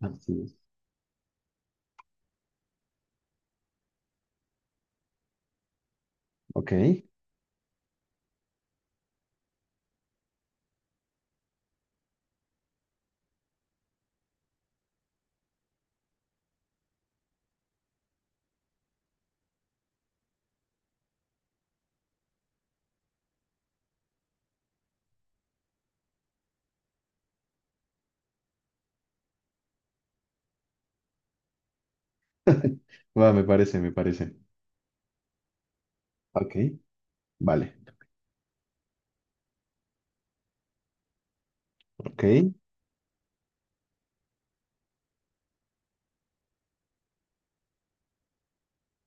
Así es. Ok. Va, me parece, me parece. Ok. Vale. Ok.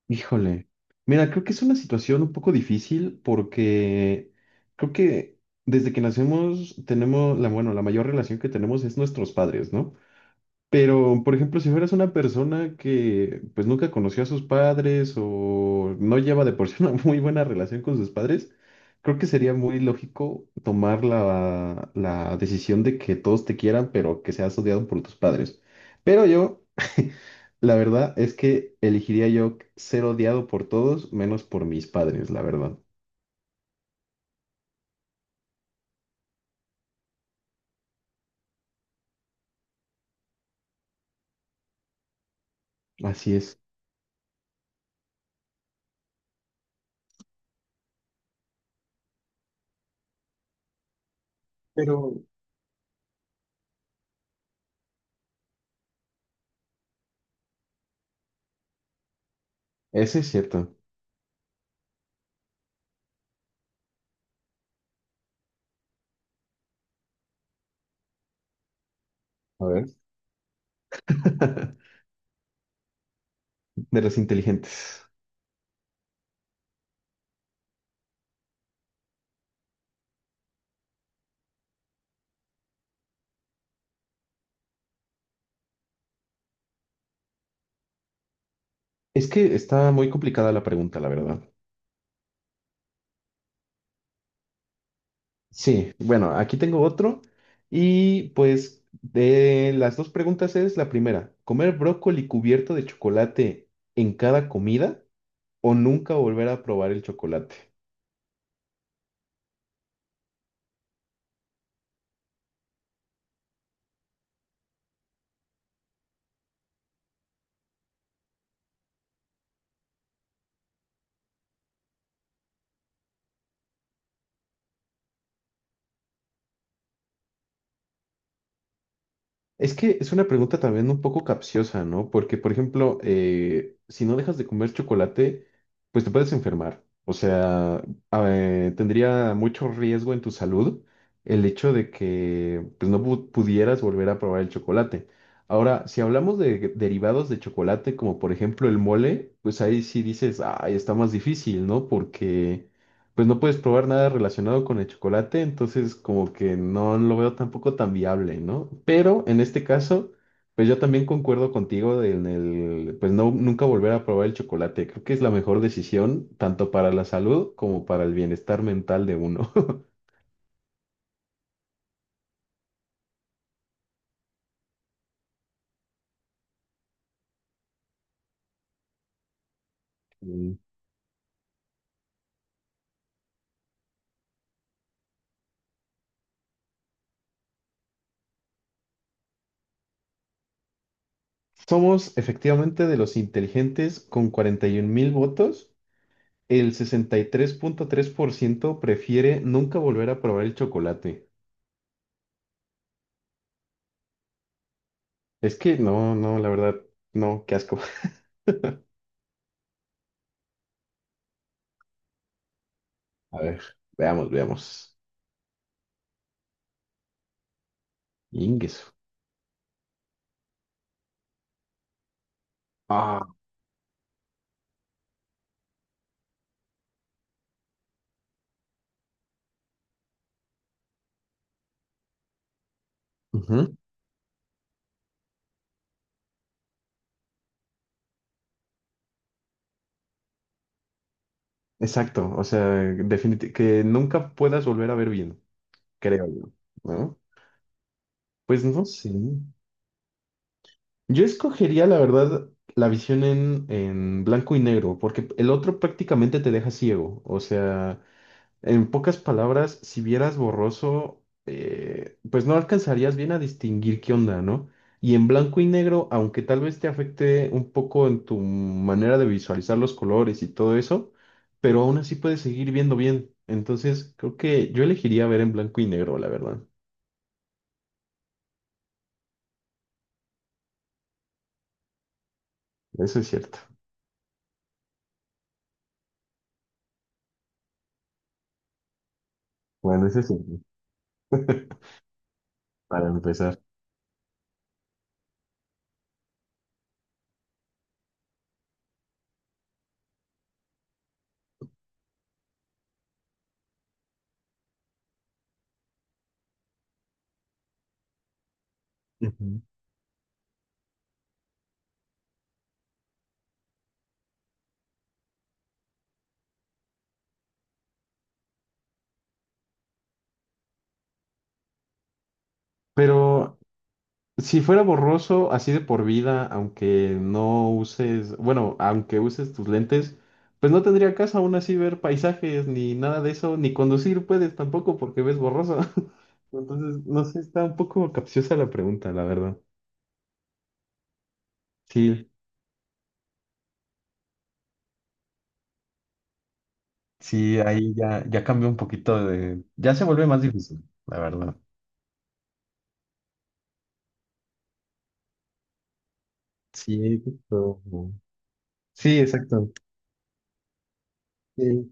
Híjole. Mira, creo que es una situación un poco difícil porque creo que desde que nacemos tenemos la, bueno, la mayor relación que tenemos es nuestros padres, ¿no? Pero, por ejemplo, si fueras una persona que pues nunca conoció a sus padres o no lleva de por sí una muy buena relación con sus padres, creo que sería muy lógico tomar la decisión de que todos te quieran, pero que seas odiado por tus padres. Pero yo, la verdad es que elegiría yo ser odiado por todos menos por mis padres, la verdad. Así es. Pero, ese es cierto. A ver, de los inteligentes. Es que está muy complicada la pregunta, la verdad. Sí, bueno, aquí tengo otro. Y pues de las dos preguntas es la primera, ¿comer brócoli cubierto de chocolate en cada comida o nunca volver a probar el chocolate? Es que es una pregunta también un poco capciosa, ¿no? Porque, por ejemplo, si no dejas de comer chocolate, pues te puedes enfermar. O sea, tendría mucho riesgo en tu salud el hecho de que pues, no pudieras volver a probar el chocolate. Ahora, si hablamos de derivados de chocolate, como por ejemplo el mole, pues ahí sí dices, ay, está más difícil, ¿no? Porque pues no puedes probar nada relacionado con el chocolate, entonces como que no lo veo tampoco tan viable, ¿no? Pero en este caso, pues yo también concuerdo contigo en el, pues no, nunca volver a probar el chocolate. Creo que es la mejor decisión, tanto para la salud como para el bienestar mental de uno. Mm. Somos efectivamente de los inteligentes con 41 mil votos. El sesenta y tres punto tres por ciento prefiere nunca volver a probar el chocolate. Es que no, no, la verdad, no, qué asco. A ver, veamos, veamos. Ingueso. Ah, ujú, exacto, o sea, definitivamente que nunca puedas volver a ver bien, creo yo, ¿no? Pues no sé. Yo escogería, la verdad, la visión en blanco y negro, porque el otro prácticamente te deja ciego, o sea, en pocas palabras, si vieras borroso, pues no alcanzarías bien a distinguir qué onda, ¿no? Y en blanco y negro, aunque tal vez te afecte un poco en tu manera de visualizar los colores y todo eso, pero aún así puedes seguir viendo bien. Entonces, creo que yo elegiría ver en blanco y negro, la verdad. Eso es cierto. Bueno, eso sí, para empezar. Ujú. Pero si fuera borroso, así de por vida, aunque no uses, bueno, aunque uses tus lentes, pues no tendría caso aún así ver paisajes ni nada de eso, ni conducir puedes tampoco porque ves borroso. Entonces, no sé, está un poco capciosa la pregunta, la verdad. Sí, sí, ahí ya, ya cambió un poquito de... Ya se vuelve más difícil, la verdad. Sí, pero... Sí, exacto. Sí,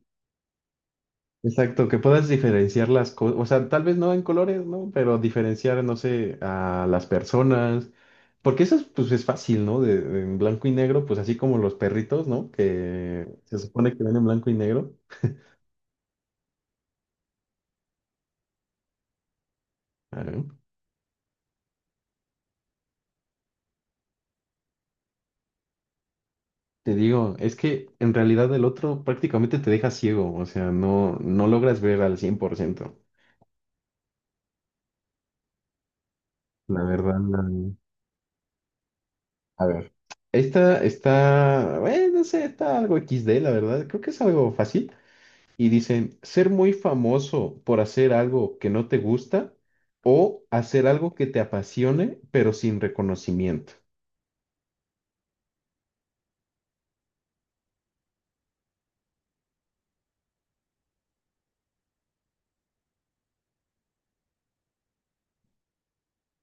exacto, que puedas diferenciar las cosas, o sea, tal vez no en colores, ¿no? Pero diferenciar, no sé, a las personas, porque eso es, pues es fácil, ¿no? De, en blanco y negro, pues así como los perritos, ¿no? Que se supone que ven en blanco y negro. Claro. Te digo, es que en realidad el otro prácticamente te deja ciego, o sea, no, no logras ver al 100%. La verdad, no. A ver. Esta está, bueno, no sé, está algo XD, la verdad. Creo que es algo fácil. Y dicen, ser muy famoso por hacer algo que no te gusta o hacer algo que te apasione, pero sin reconocimiento.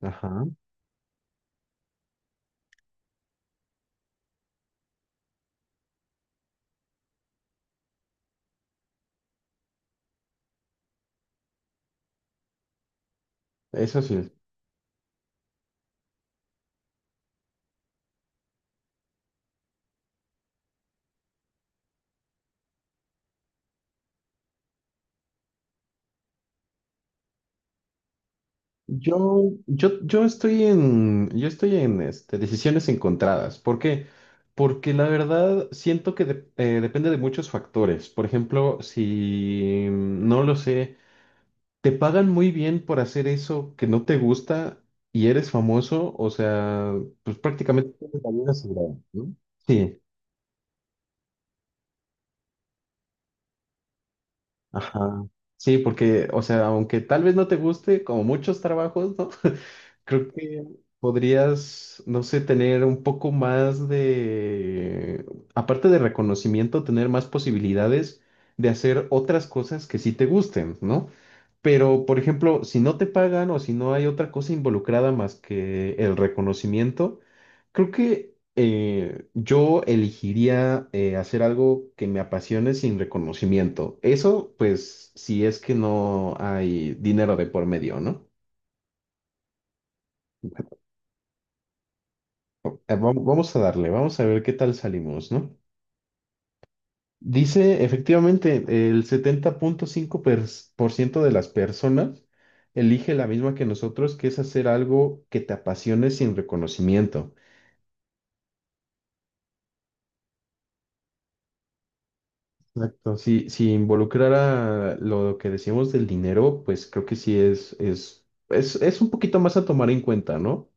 Ajá, eso sí. Yo, yo estoy en este, decisiones encontradas. ¿Por qué? Porque la verdad siento que depende de muchos factores. Por ejemplo, si no lo sé. Te pagan muy bien por hacer eso que no te gusta y eres famoso, o sea, pues prácticamente tienes la vida asegurada, ¿no? Sí, ajá. Sí, porque, o sea, aunque tal vez no te guste, como muchos trabajos, ¿no? Creo que podrías, no sé, tener un poco más de, aparte de reconocimiento, tener más posibilidades de hacer otras cosas que sí te gusten, ¿no? Pero, por ejemplo, si no te pagan o si no hay otra cosa involucrada más que el reconocimiento, creo que yo elegiría hacer algo que me apasione sin reconocimiento. Eso, pues, si es que no hay dinero de por medio, ¿no? Vamos a darle, vamos a ver qué tal salimos, ¿no? Dice, efectivamente, el setenta punto cinco por ciento de las personas elige la misma que nosotros, que es hacer algo que te apasione sin reconocimiento. Exacto. Si, si involucrara lo que decíamos del dinero, pues creo que sí es, un poquito más a tomar en cuenta, ¿no?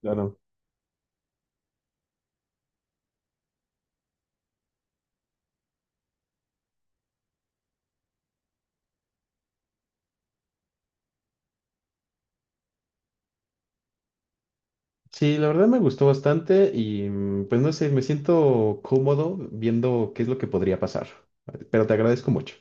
Claro. Sí, la verdad me gustó bastante y pues no sé, me siento cómodo viendo qué es lo que podría pasar. Pero te agradezco mucho.